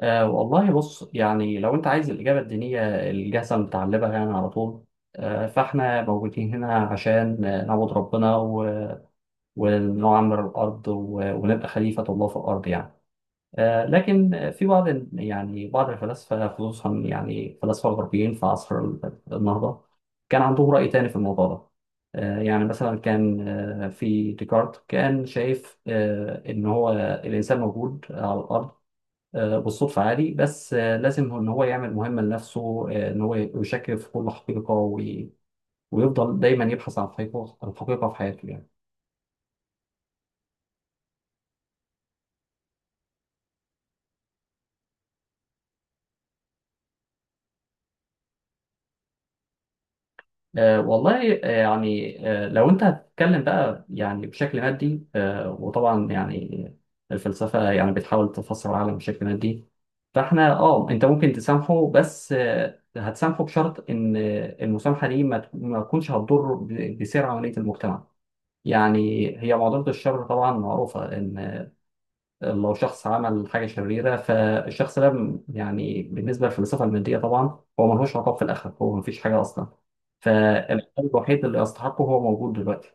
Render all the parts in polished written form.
والله بص، يعني لو أنت عايز الإجابة الدينية الجاهزة المتعلبة يعني على طول. فإحنا موجودين هنا عشان نعبد ربنا و- ونعمر الأرض و- ونبقى خليفة الله في الأرض يعني. أه لكن في بعض يعني بعض الفلاسفة، خصوصا يعني الفلاسفة الغربيين في عصر النهضة، كان عندهم رأي تاني في الموضوع ده. يعني مثلا كان، في ديكارت، كان شايف إن هو الإنسان موجود على الأرض بالصدفة عادي، بس لازم إن هو يعمل مهمة لنفسه، إن هو يشكك في كل حقيقة وي- ويفضل دايما يبحث عن الحقيقة، الحقيقة في حياته يعني. والله يعني، لو أنت هتتكلم بقى يعني بشكل مادي، وطبعا يعني الفلسفة يعني بتحاول تفسر العالم بشكل مادي. فاحنا اه انت ممكن تسامحه، بس هتسامحه بشرط ان المسامحة دي ما تكونش هتضر ب- بسير عملية المجتمع يعني. هي معضلة الشر طبعا معروفة، إن لو شخص عمل حاجة شريرة فالشخص ده يعني بالنسبة للفلسفة المادية طبعا هو ملهوش عقاب في الآخرة، هو مفيش حاجة أصلا. فالعقاب الوحيد اللي يستحقه هو موجود دلوقتي.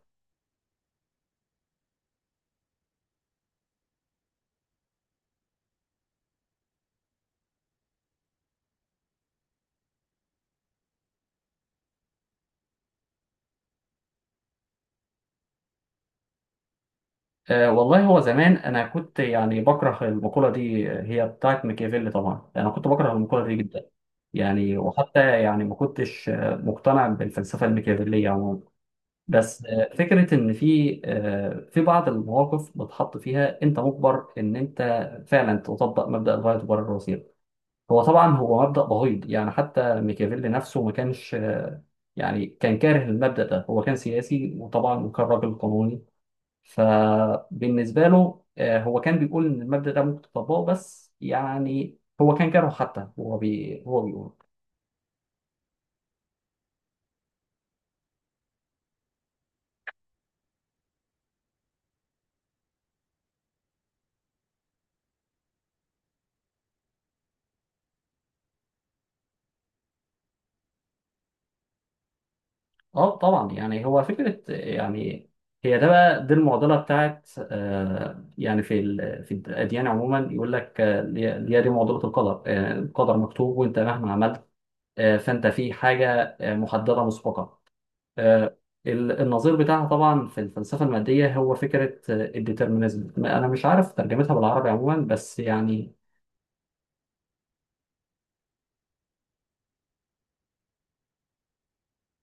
أه والله، هو زمان أنا كنت يعني بكره المقولة دي، هي بتاعت ميكافيلي طبعا، أنا كنت بكره المقولة دي جدا يعني، وحتى يعني ما كنتش مقتنع بالفلسفة الميكافيلية. بس فكرة إن في في بعض المواقف بتحط فيها أنت مجبر إن أنت فعلا تطبق مبدأ الغاية تبرر الوسيلة. هو طبعا هو مبدأ بغيض، يعني حتى ميكافيلي نفسه ما كانش، يعني كان كاره المبدأ ده. هو كان سياسي وطبعا وكان راجل قانوني، فبالنسبة له هو كان بيقول إن المبدأ ده ممكن تطبقه، بس يعني هو كان كاره، حتى هو بي هو بيقول. اه طبعا يعني، هو فكره يعني، هي ده بقى دي المعضله بتاعت يعني في في الاديان عموما يقول لك، اللي هي دي معضله القدر. القدر مكتوب وانت مهما عملت، فانت في حاجه محدده مسبقا. آه، النظير بتاعها طبعا في الفلسفه الماديه هو فكره الديترمينيزم، انا مش عارف ترجمتها بالعربي عموما، بس يعني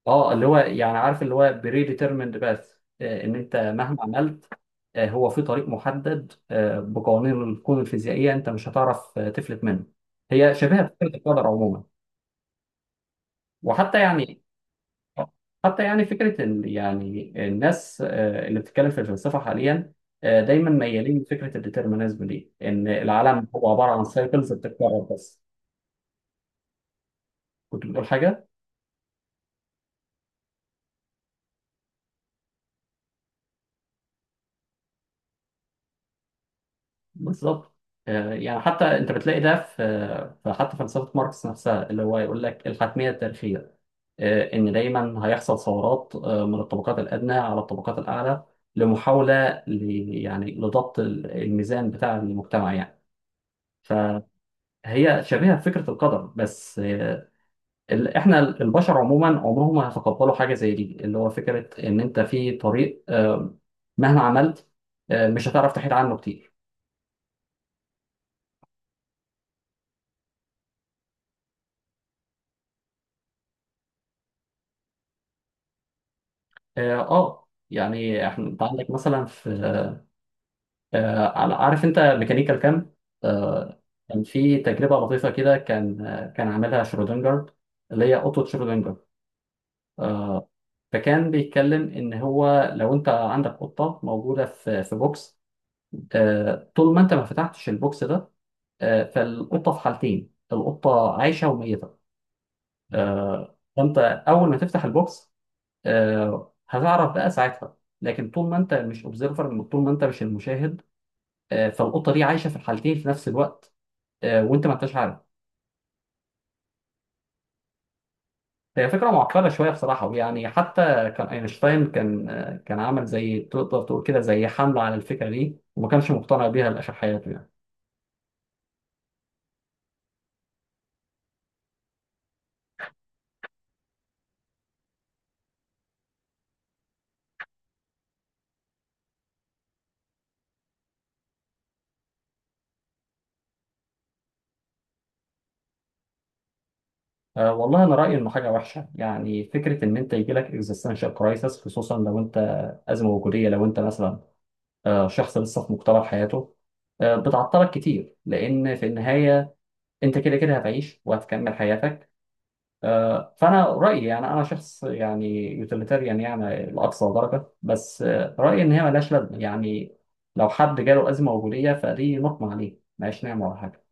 اه اللي هو يعني، عارف، اللي هو بري ديترميند باث، ان انت مهما عملت هو في طريق محدد بقوانين الكون الفيزيائيه، انت مش هتعرف تفلت منه. هي شبيهه بفكره القدر عموما. وحتى يعني حتى يعني فكره يعني الناس اللي بتتكلم في الفلسفه حاليا، دايما ميالين لفكره الديترمينيزم دي، ان العالم هو عباره عن سايكلز بتتكرر بس. كنت بتقول حاجه. بالظبط، يعني حتى انت بتلاقي ده في حتى فلسفه ماركس نفسها، اللي هو يقول لك الحتميه التاريخيه، ان دايما هيحصل ثورات من الطبقات الادنى على الطبقات الاعلى، يعني لضبط الميزان بتاع المجتمع يعني. فهي شبيهه بفكره القدر، بس احنا البشر عموما عمرهم ما هيتقبلوا حاجه زي دي، اللي هو فكره ان انت في طريق مهما عملت مش هتعرف تحيد عنه كتير. اه يعني احنا، انت عندك مثلا في عارف انت ميكانيكال كام، آه، كان في تجربه لطيفه كده، كان كان عاملها شرودنجر، اللي هي قطه شرودنجر. فكان بيتكلم ان هو لو انت عندك قطه موجوده في بوكس، آه طول ما انت ما فتحتش البوكس ده، آه فالقطه في حالتين، القطه عايشه وميته، آه فانت اول ما تفتح البوكس، آه هتعرف بقى ساعتها، لكن طول ما انت مش اوبزرفر، طول ما انت مش المشاهد، فالقطه دي عايشه في الحالتين في نفس الوقت، وانت ما انتش عارف. هي فكره معقده شويه بصراحه، يعني حتى كان اينشتاين كان، كان عمل زي تقدر تقول كده زي حمله على الفكره دي، وما كانش مقتنع بيها لآخر حياته يعني. والله انا رايي انه حاجه وحشه، يعني فكره ان انت يجي لك اكزيستنشال كرايسس، خصوصا لو انت، ازمه وجوديه، لو انت مثلا شخص لسه في مقتبل حياته، بتعطلك كتير، لان في النهايه انت كده كده هتعيش وهتكمل حياتك. فانا رايي يعني، انا شخص يعني يوتيليتاريان يعني لاقصى درجه، بس رايي ان هي ملهاش لازمه يعني. لو حد جاله ازمه وجوديه فدي نقمه عليه، ملهاش نعمه ولا حاجه.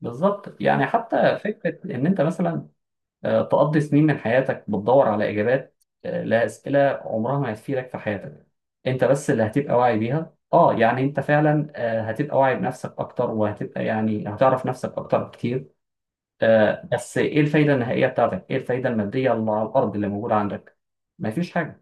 بالظبط، يعني حتى فكره ان انت مثلا تقضي سنين من حياتك بتدور على اجابات لاسئله عمرها ما هتفيدك في حياتك. انت بس اللي هتبقى واعي بيها، اه يعني انت فعلا هتبقى واعي بنفسك اكتر، وهتبقى يعني هتعرف نفسك اكتر بكتير. آه بس ايه الفايده النهائيه بتاعتك؟ ايه الفايده الماديه اللي على الارض اللي موجوده عندك؟ مفيش حاجه.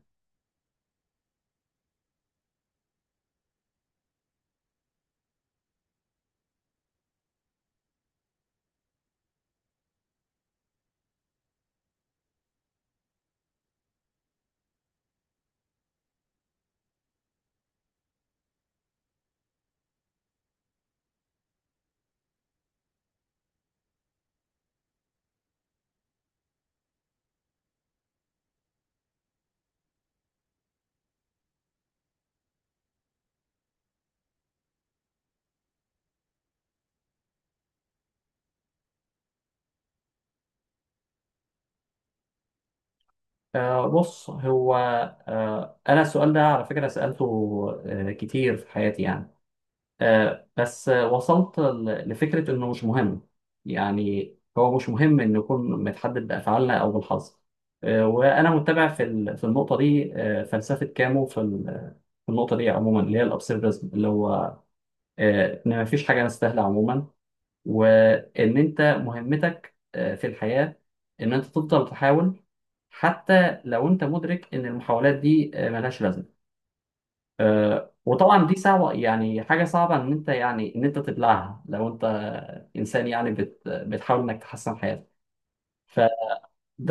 آه بص هو، آه انا السؤال ده على فكره سالته آه كتير في حياتي يعني، آه بس آه وصلت لفكره انه مش مهم. يعني هو مش مهم ان نكون متحدد بافعالنا او بالحظ. آه وانا متبع في في النقطه دي آه فلسفه كامو في في النقطه دي عموما، اللي هي الابسيرديزم، اللي هو آه ان مفيش حاجه نستاهلها عموما، وان انت مهمتك في الحياة ان انت تفضل تحاول، حتى لو انت مدرك ان المحاولات دي ملهاش لازمة. وطبعا دي صعبة، يعني حاجة صعبة ان انت يعني ان انت تبلعها، لو انت انسان يعني بتحاول انك تحسن حياتك. فده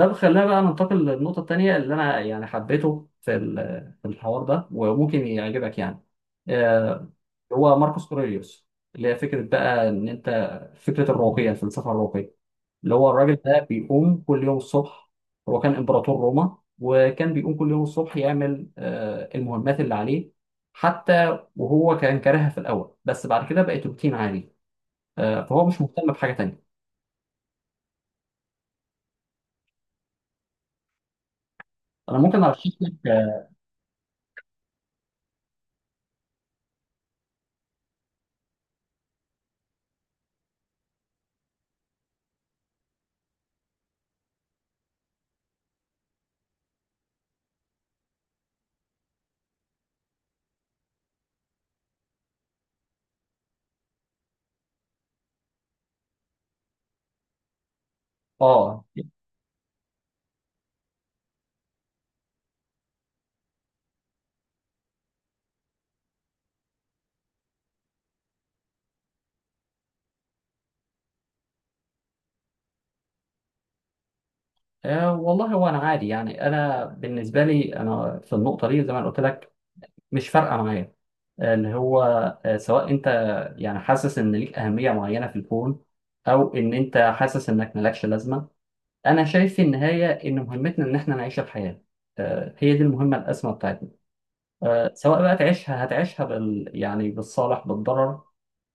بيخلينا بقى ننتقل للنقطة التانية، اللي انا يعني حبيته في في الحوار ده، وممكن يعجبك يعني. آه، هو ماركوس اوريليوس، اللي هي فكرة بقى ان انت، فكرة الرقي، الفلسفة الرقية، اللي هو الراجل ده بيقوم كل يوم الصبح، هو كان إمبراطور روما وكان بيقوم كل يوم الصبح يعمل المهمات اللي عليه، حتى وهو كان كارهها في الأول، بس بعد كده بقت روتين عادي، فهو مش مهتم بحاجة تانية. أنا ممكن أرشح لك، آه، والله هو أنا عادي يعني، أنا بالنسبة لي أنا في النقطة دي زي ما أنا قلت لك مش فارقة معايا. اللي هو سواء أنت يعني حاسس إن ليك أهمية معينة في الكون، أو إن أنت حاسس إنك مالكش لازمة. انا شايف في النهايه ان مهمتنا ان احنا نعيش الحياه، هي دي المهمه الاسمى بتاعتنا. سواء بقى تعيشها، هتعيشها بال يعني بالصالح بالضرر،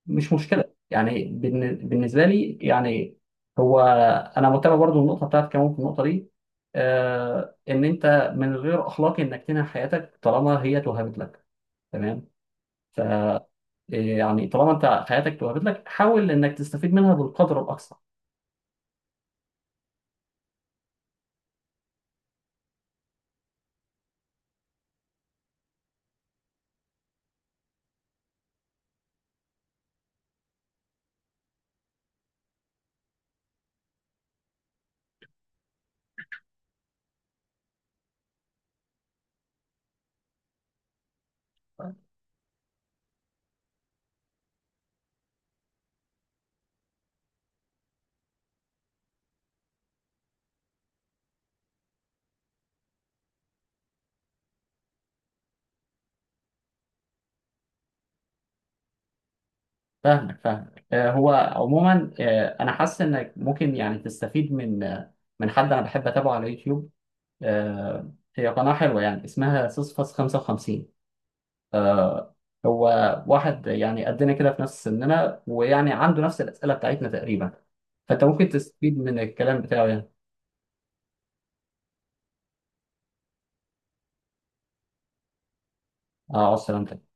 مش مشكله يعني. بالنسبه لي يعني، هو انا متابع برضو النقطه بتاعت كمان في النقطه دي ان انت من غير اخلاقي انك تنهي حياتك طالما هي توهبت لك، تمام؟ ف يعني طالما انت حياتك توهبت لك، حاول انك تستفيد منها بالقدر الاقصى. فاهمك. هو عموما انا حاسس انك ممكن يعني تستفيد من من حد انا بحب اتابعه على يوتيوب. هي قناة حلوة يعني، اسمها سوسفاس 55. هو واحد يعني قدنا كده في نفس سننا، ويعني عنده نفس الأسئلة بتاعتنا تقريبا. فانت ممكن تستفيد من الكلام بتاعه يعني. اه، على السلامة.